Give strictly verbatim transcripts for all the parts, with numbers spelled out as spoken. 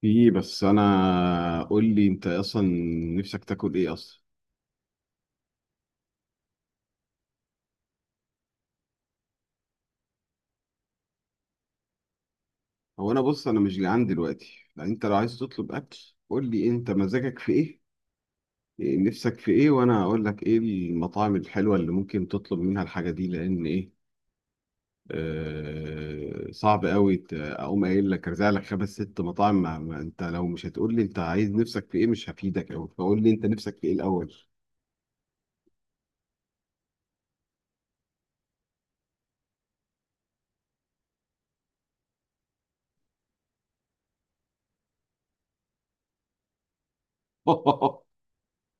في، بس انا قول لي انت اصلا نفسك تاكل ايه اصلا؟ هو انا بص انا مش جعان دلوقتي، يعني انت لو عايز تطلب اكل قول لي انت مزاجك في ايه، إيه نفسك في ايه، وانا اقول لك ايه المطاعم الحلوه اللي ممكن تطلب منها الحاجه دي، لان ايه آه صعب قوي ت- اقوم قايل لك ارزع لك خمس ست مطاعم. ما ما انت لو مش هتقول لي انت عايز نفسك في ايه مش هفيدك قوي، فقول لي انت نفسك في ايه الاول.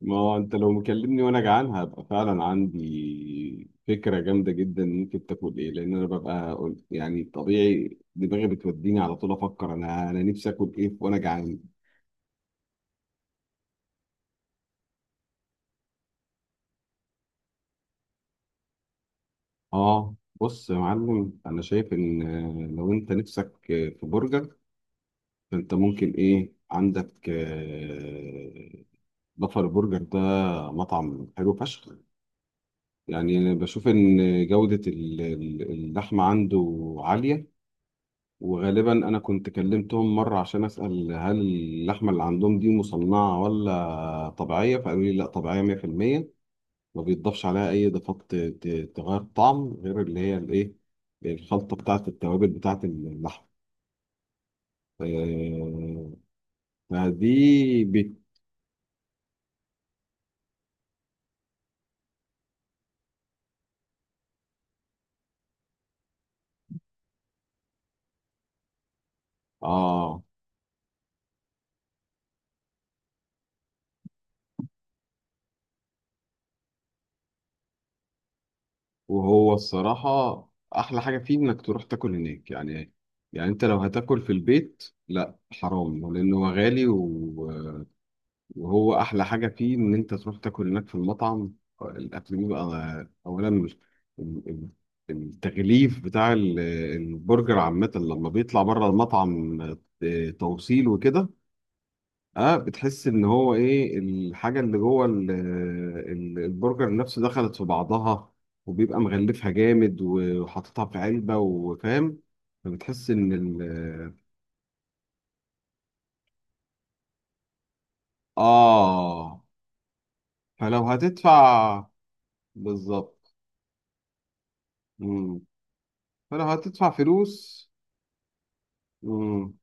ما هو انت لو مكلمني وانا جعان هبقى فعلا عندي فكره جامده جدا ممكن تاكل ايه، لان انا ببقى قل- يعني طبيعي دماغي بتوديني على طول افكر انا انا نفسي اكل ايه وانا جعان. اه، بص يا معلم انا شايف ان آه، لو انت نفسك آه، في برجر، فانت ممكن ايه عندك آه، بافر برجر، ده مطعم حلو فشخ. يعني انا بشوف ان جوده ال- ال- اللحمه عنده عاليه. وغالبا انا كنت كلمتهم مره عشان اسال هل اللحمه اللي عندهم دي مصنعه ولا طبيعيه، فقالوا لي لا، طبيعيه مية في المية. ما بيتضافش عليها اي اضافات ت- ت- تغير الطعم، غير اللي هي الايه، الخلطه بتاعه التوابل بتاعه اللحمه آه، فدي بت... اه، وهو الصراحه احلى حاجه فيه انك تروح تاكل هناك يعني. يعني انت لو هتاكل في البيت لا حرام، لانه هو غالي و... وهو احلى حاجه فيه ان انت تروح تاكل هناك في المطعم. الاكل بيبقى اولا ال- ال- التغليف بتاع ال- البرجر عامه لما بيطلع بره المطعم، آه، توصيل وكده. اه، بتحس ان هو ايه الحاجه اللي جوه ال- ال- البرجر نفسه دخلت في بعضها، وبيبقى مغلفها جامد وحاططها في علبه، وفاهم، فبتحس ان ال اه فلو هتدفع بالظبط، فلو هتدفع فلوس. امم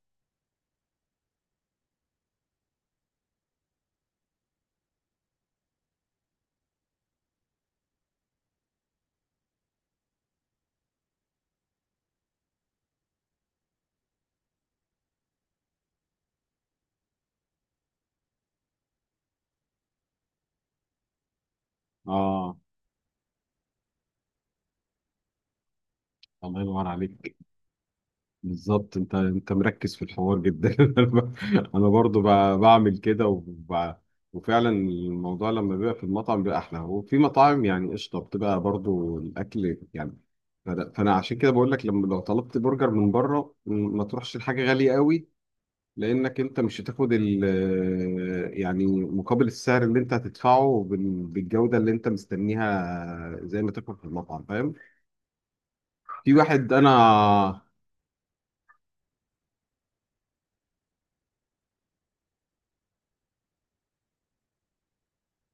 اه، الله ينور عليك. بالظبط، انت انت مركز في الحوار جدا. انا برضو ب- بعمل كده وب... وفعلا الموضوع لما بيبقى في المطعم بيبقى احلى، وفي مطاعم يعني قشطه بتبقى برضو الاكل يعني. فأنا فأنا عشان كده بقول لك لما لو طلبت برجر من بره م- ما تروحش لحاجه غاليه قوي، لانك انت مش هتاخد ال، يعني مقابل السعر اللي انت هتدفعه بال- بالجوده اللي انت مستنيها زي ما تاكل في المطعم، فاهم؟ في واحد انا،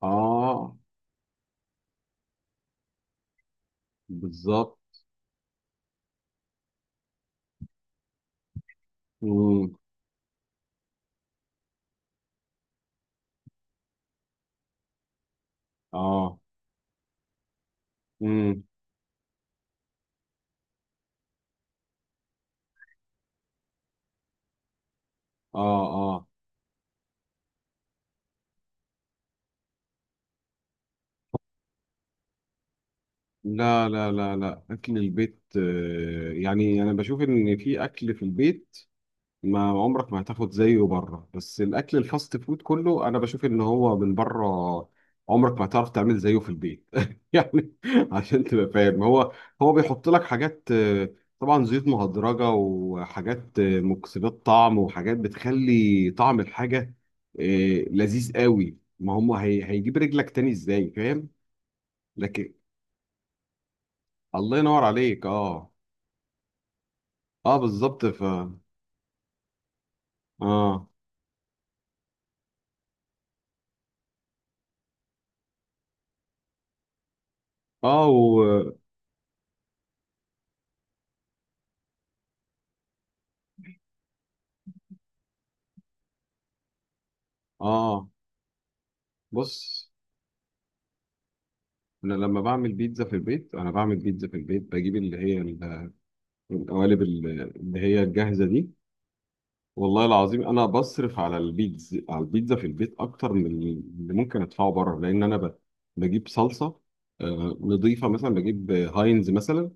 اه بالظبط. مم. اه. مم. اه، اه، لا لا لا لا، اكل البيت آه، يعني انا بشوف ان في اكل في البيت ما عمرك ما هتاخد زيه بره، بس الاكل الفاست فود كله انا بشوف ان هو من بره عمرك ما هتعرف تعمل زيه في البيت يعني، عشان تبقى فاهم. هو هو بيحط لك حاجات آه، طبعا زيوت مهدرجه، وحاجات آه، مكسبات طعم، وحاجات بتخلي طعم الحاجه آه، لذيذ قوي، ما هم هي هيجيب رجلك تاني ازاي، فاهم؟ لكن الله ينور عليك. اه. اه، بالظبط ف، اه، اه و، اه، بص انا لما بعمل بيتزا في البيت، انا بعمل بيتزا في البيت بجيب اللي هي ال- القوالب ال- اللي هي الجاهزه دي. والله العظيم انا بصرف على البيتزا، على البيتزا في البيت اكتر من اللي ممكن ادفعه بره، لان انا ب- بجيب صلصه آه، نضيفه، مثلا بجيب آه، هاينز، مثلا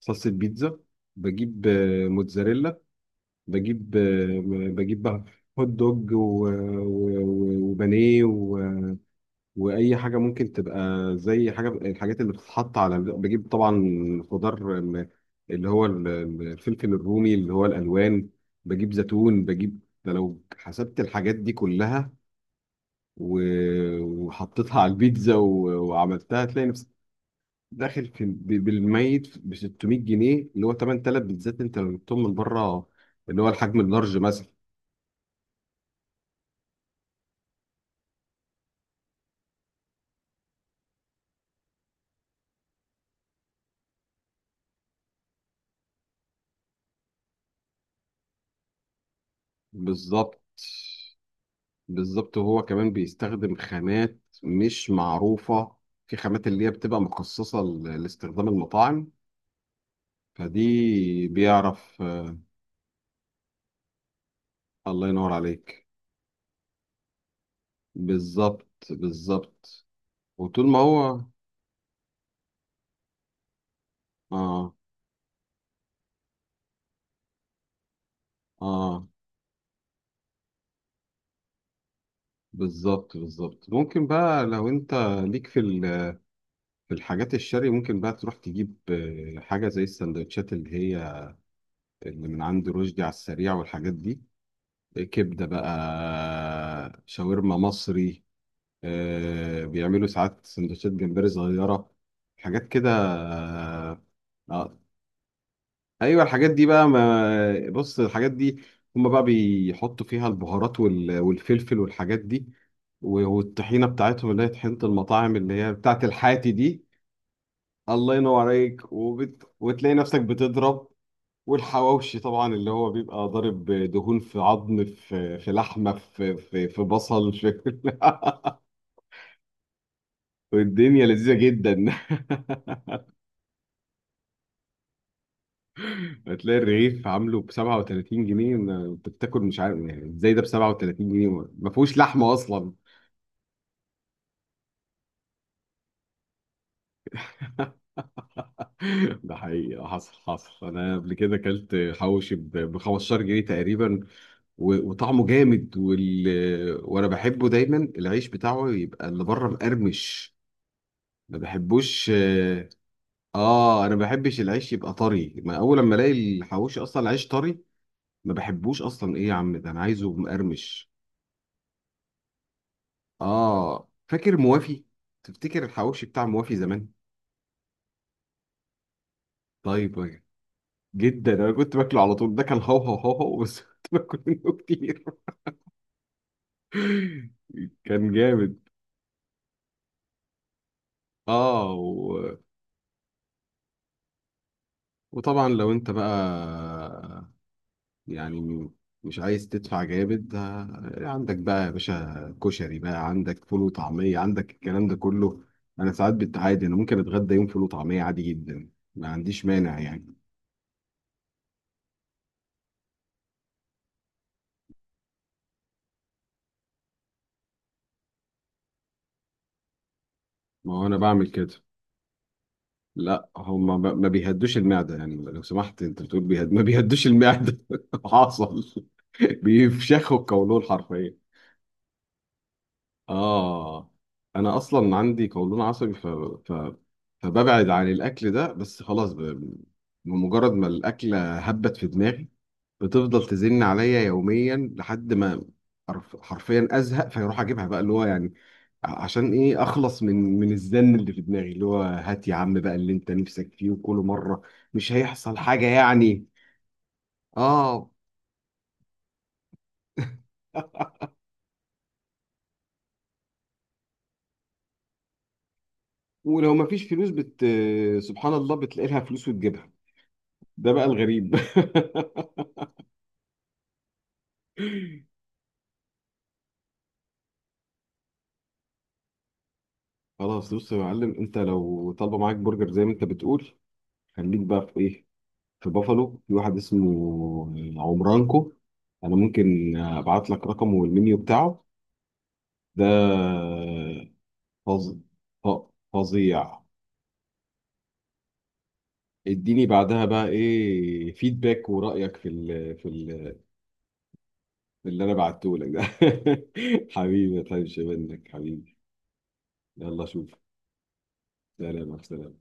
صلصه بيتزا. بجيب آه، موتزاريلا، بجيب آه، بجيب هوت دوج و- و- و- وبانيه، واي حاجه ممكن تبقى زي حاجه، الحاجات اللي بتتحط على، بجيب طبعا خضار م- اللي هو ال- ال- الفلفل الرومي اللي هو الالوان، بجيب زيتون، بجيب ده. لو حسبت الحاجات دي كلها و- وحطيتها على البيتزا و- وعملتها تلاقي نفسك داخل في ب- بالميت ب ستمية جنيه، اللي هو ثمانية آلاف بيتزات انت لو جبتهم من بره، اللي هو الحجم اللارج مثلا. بالظبط، بالظبط. وهو كمان بيستخدم خامات مش معروفة، في خامات اللي هي بتبقى مخصصة ل- لاستخدام المطاعم، فدي بيعرف. آه، الله ينور عليك. بالظبط، بالظبط. وطول ما هو، اه، اه، بالظبط، بالظبط. ممكن بقى لو انت ليك في ال- في الحاجات الشرقي، ممكن بقى تروح تجيب آه، حاجة زي السندوتشات، اللي هي اللي من عند رشدي على السريع، والحاجات دي، كبدة بقى، شاورما مصري، آه، بيعملوا ساعات سندوتشات جمبري صغيرة، حاجات كده. آه. آه. أيوة، الحاجات دي بقى، ما بص، الحاجات دي هما بقى بيحطوا فيها البهارات وال- والفلفل والحاجات دي و- والطحينة بتاعتهم، اللي هي طحينة المطاعم، اللي هي بتاعت الحاتي دي. الله ينور عليك. وبت... وتلاقي نفسك بتضرب. والحواوشي طبعا اللي هو بيبقى ضارب دهون في عظم، في في لحمة، في في, في بصل، في والدنيا لذيذة جدا. هتلاقي الرغيف عامله ب سبعة وتلاتين جنيه، ما- انت بتاكل مش عارف يعني ازاي ده ب سبعة وتلاتين جنيه ما فيهوش لحمه اصلا. ده حقيقي، حصل، حصل انا قبل كده اكلت حواوشي ب خمستاشر جنيه تقريبا، و- وطعمه جامد وال... وانا بحبه دايما العيش بتاعه يبقى اللي بره مقرمش، ما بحبوش. اه، آه، انا ما بحبش العيش يبقى طري، ما اول لما الاقي الحواوشي اصلا العيش طري، ما بحبوش اصلا، ايه يا عم ده انا عايزه مقرمش. اه، فاكر موافي؟ تفتكر الحواوشي بتاع موافي زمان؟ طيب. طيب. جدا، انا كنت باكله على طول، ده كان هو هو هو هو بس كنت باكل منه كتير. كان جامد. اه و... وطبعا لو انت بقى، يعني مش عايز تدفع جامد، آه، عندك بقى يا باشا كشري بقى، عندك فول وطعمية، عندك الكلام ده كله. انا ساعات بتعادي، انا ممكن اتغدى يوم فول وطعمية عادي جدا، ما عنديش مانع يعني. ما هو انا بعمل كده. لا، هم ما ما بيهدوش المعدة، يعني لو سمحت، انت بتقول بيهد، ما بيهدوش المعدة. حاصل. بيفشخوا القولون حرفيا. آه، أنا أصلا عندي قولون عصبي، ف... ف... فببعد عن الأكل ده بس، خلاص ب... بمجرد ما الأكلة هبت في دماغي بتفضل تزن عليا يوميا لحد ما حرف- حرفيا أزهق، فيروح أجيبها بقى، اللي هو يعني ع- عشان إيه، أخلص من من الزن اللي في دماغي، اللي هو هات يا عم بقى اللي أنت نفسك فيه. وكل مرة مش هيحصل حاجة يعني. آه. ولو مفيش فلوس بت... سبحان الله بتلاقي لها فلوس وتجيبها، ده بقى الغريب. خلاص، بص يا معلم، انت لو طالبه معاك برجر زي ما انت بتقول، خليك بقى في ايه، في بافالو، في واحد اسمه عمرانكو، انا ممكن ابعت لك رقمه والمنيو بتاعه، ده فظ- ف- فظيع. اديني بعدها بقى ايه فيدباك ورأيك في ال، في ال، في اللي انا بعته لك ده. حبيبي، ما تحرمش منك، حبيبي. يلا، شوف. سلام، سلام.